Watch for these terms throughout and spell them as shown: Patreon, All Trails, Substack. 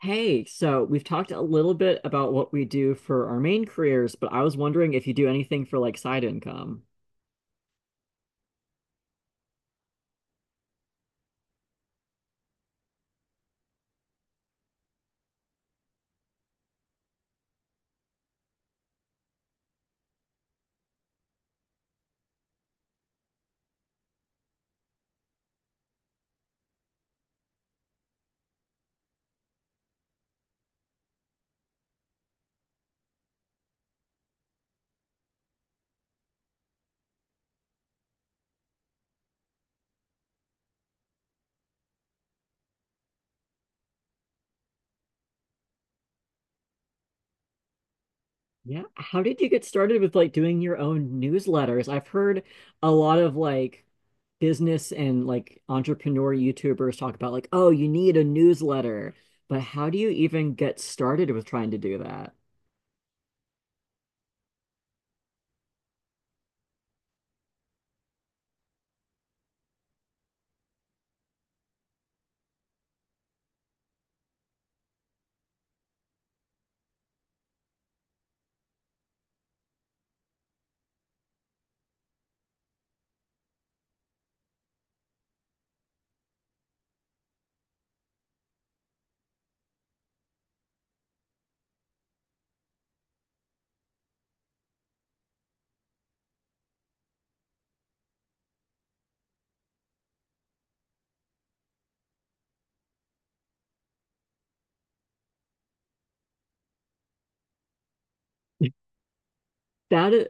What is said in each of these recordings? Hey, so we've talked a little bit about what we do for our main careers, but I was wondering if you do anything for like side income. Yeah. How did you get started with like doing your own newsletters? I've heard a lot of like business and like entrepreneur YouTubers talk about like, oh, you need a newsletter. But how do you even get started with trying to do that? That is.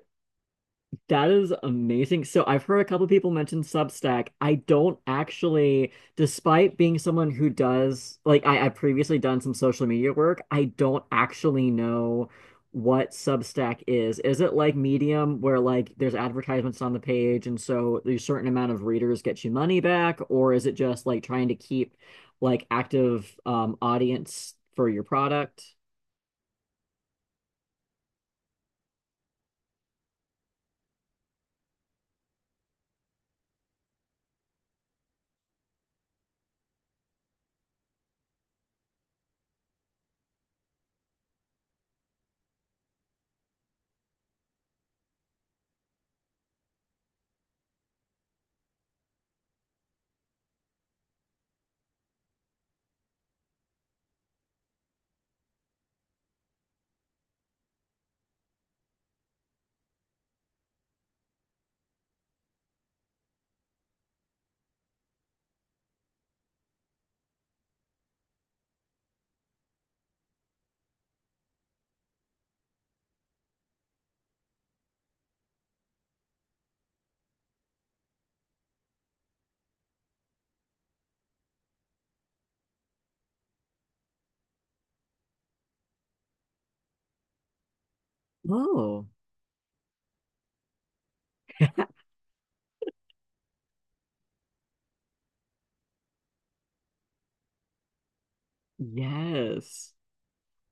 That is amazing. So I've heard a couple people mention Substack. I don't actually, despite being someone who does, like I've previously done some social media work, I don't actually know what Substack is. Is it like Medium where like there's advertisements on the page and so a certain amount of readers get you money back, or is it just like trying to keep like active audience for your product? Oh, yes.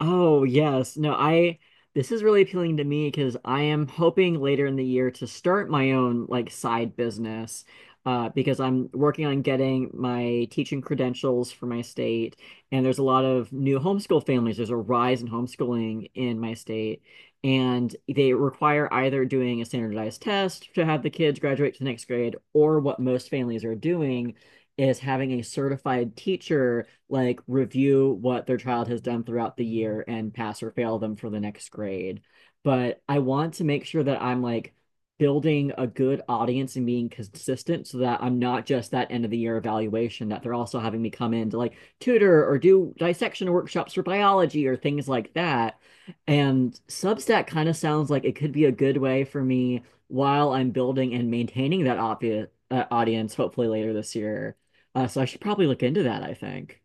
Oh, yes. No, I this is really appealing to me because I am hoping later in the year to start my own like side business, because I'm working on getting my teaching credentials for my state, and there's a lot of new homeschool families. There's a rise in homeschooling in my state, and they require either doing a standardized test to have the kids graduate to the next grade, or what most families are doing is having a certified teacher like review what their child has done throughout the year and pass or fail them for the next grade. But I want to make sure that I'm like building a good audience and being consistent so that I'm not just that end of the year evaluation, that they're also having me come in to like tutor or do dissection workshops for biology or things like that. And Substack kind of sounds like it could be a good way for me while I'm building and maintaining that obvious, audience, hopefully later this year. So I should probably look into that, I think.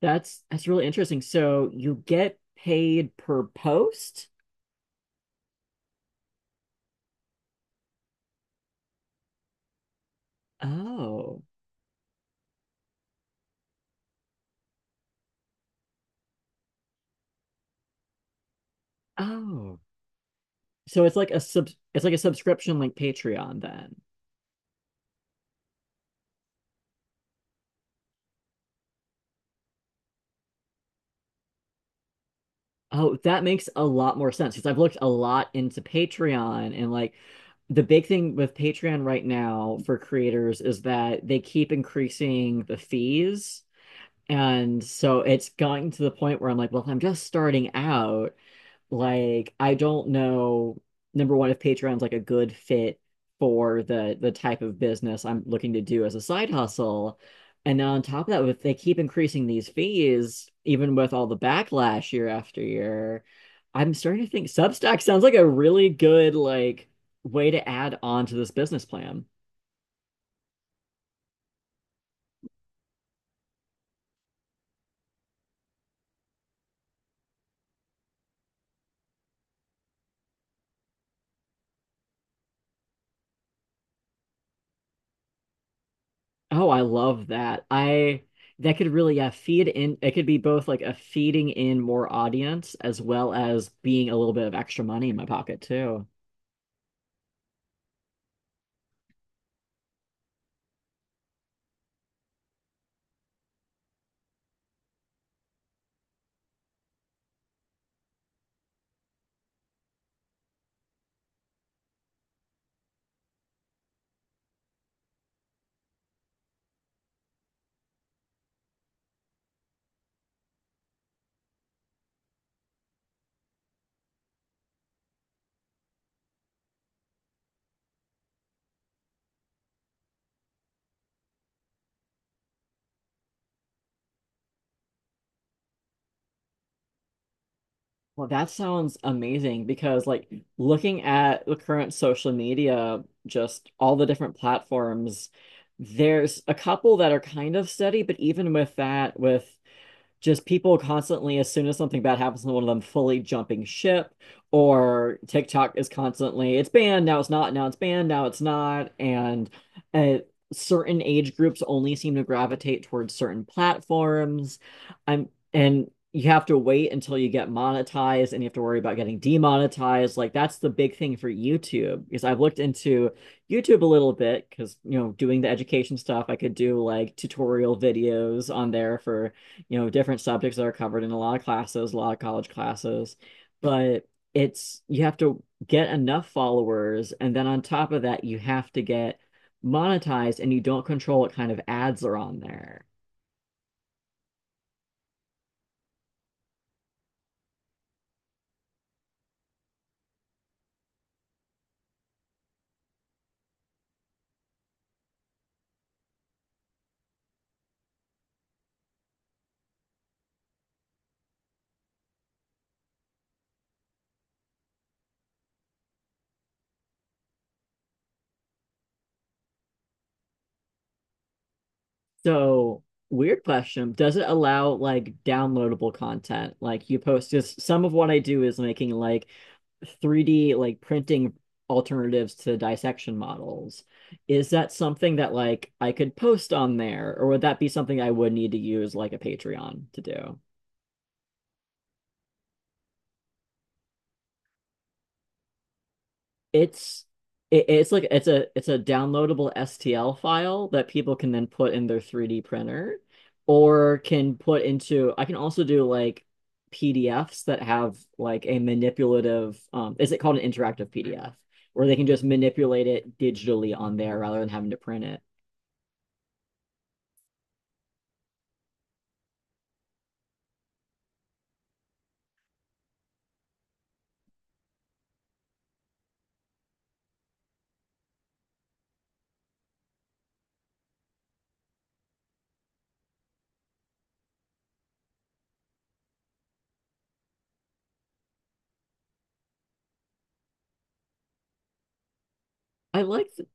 That's really interesting. So you get paid per post? Oh. Oh. So it's like a subscription like Patreon then. Oh, that makes a lot more sense because I've looked a lot into Patreon, and like the big thing with Patreon right now for creators is that they keep increasing the fees. And so it's gotten to the point where I'm like, well, if I'm just starting out, like, I don't know, number one, if Patreon's like a good fit for the type of business I'm looking to do as a side hustle. And then on top of that, if they keep increasing these fees, even with all the backlash year after year, I'm starting to think Substack sounds like a really good like way to add on to this business plan. Oh, I love that. I that could really yeah feed in. It could be both like a feeding in more audience as well as being a little bit of extra money in my pocket too. Well, that sounds amazing because like looking at the current social media, just all the different platforms, there's a couple that are kind of steady, but even with that, with just people constantly, as soon as something bad happens to one of them, fully jumping ship, or TikTok is constantly, it's banned, now it's not, now it's banned, now it's not. And uh, certain age groups only seem to gravitate towards certain platforms. I'm, and you have to wait until you get monetized and you have to worry about getting demonetized. Like that's the big thing for YouTube because I've looked into YouTube a little bit because, you know, doing the education stuff, I could do like tutorial videos on there for, you know, different subjects that are covered in a lot of classes, a lot of college classes, but it's you have to get enough followers, and then on top of that, you have to get monetized and you don't control what kind of ads are on there. So, weird question, does it allow like downloadable content? Like you post just some of what I do is making like 3D like printing alternatives to dissection models. Is that something that like I could post on there, or would that be something I would need to use like a Patreon to do? It's it's like it's a downloadable STL file that people can then put in their 3D printer or can put into I can also do like PDFs that have like a manipulative is it called an interactive PDF where they can just manipulate it digitally on there rather than having to print it. I like th-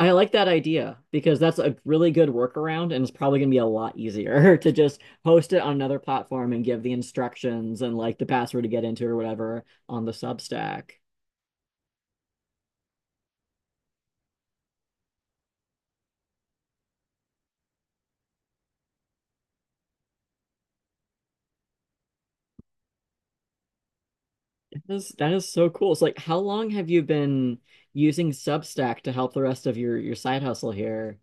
I like that idea because that's a really good workaround and it's probably going to be a lot easier to just host it on another platform and give the instructions and like the password to get into or whatever on the Substack. That is so cool. It's like how long have you been using Substack to help the rest of your side hustle here?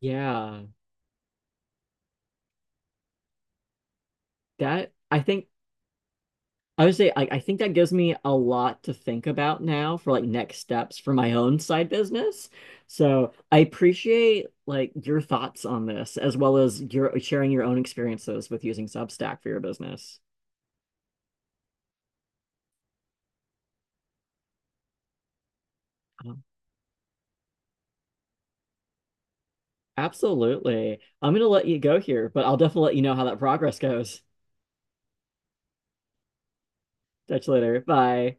Yeah. That I think I would say I think that gives me a lot to think about now for like next steps for my own side business. So I appreciate like your thoughts on this as well as your sharing your own experiences with using Substack for your business. Um, Absolutely. I'm gonna let you go here, but I'll definitely let you know how that progress goes. Catch you later. Bye.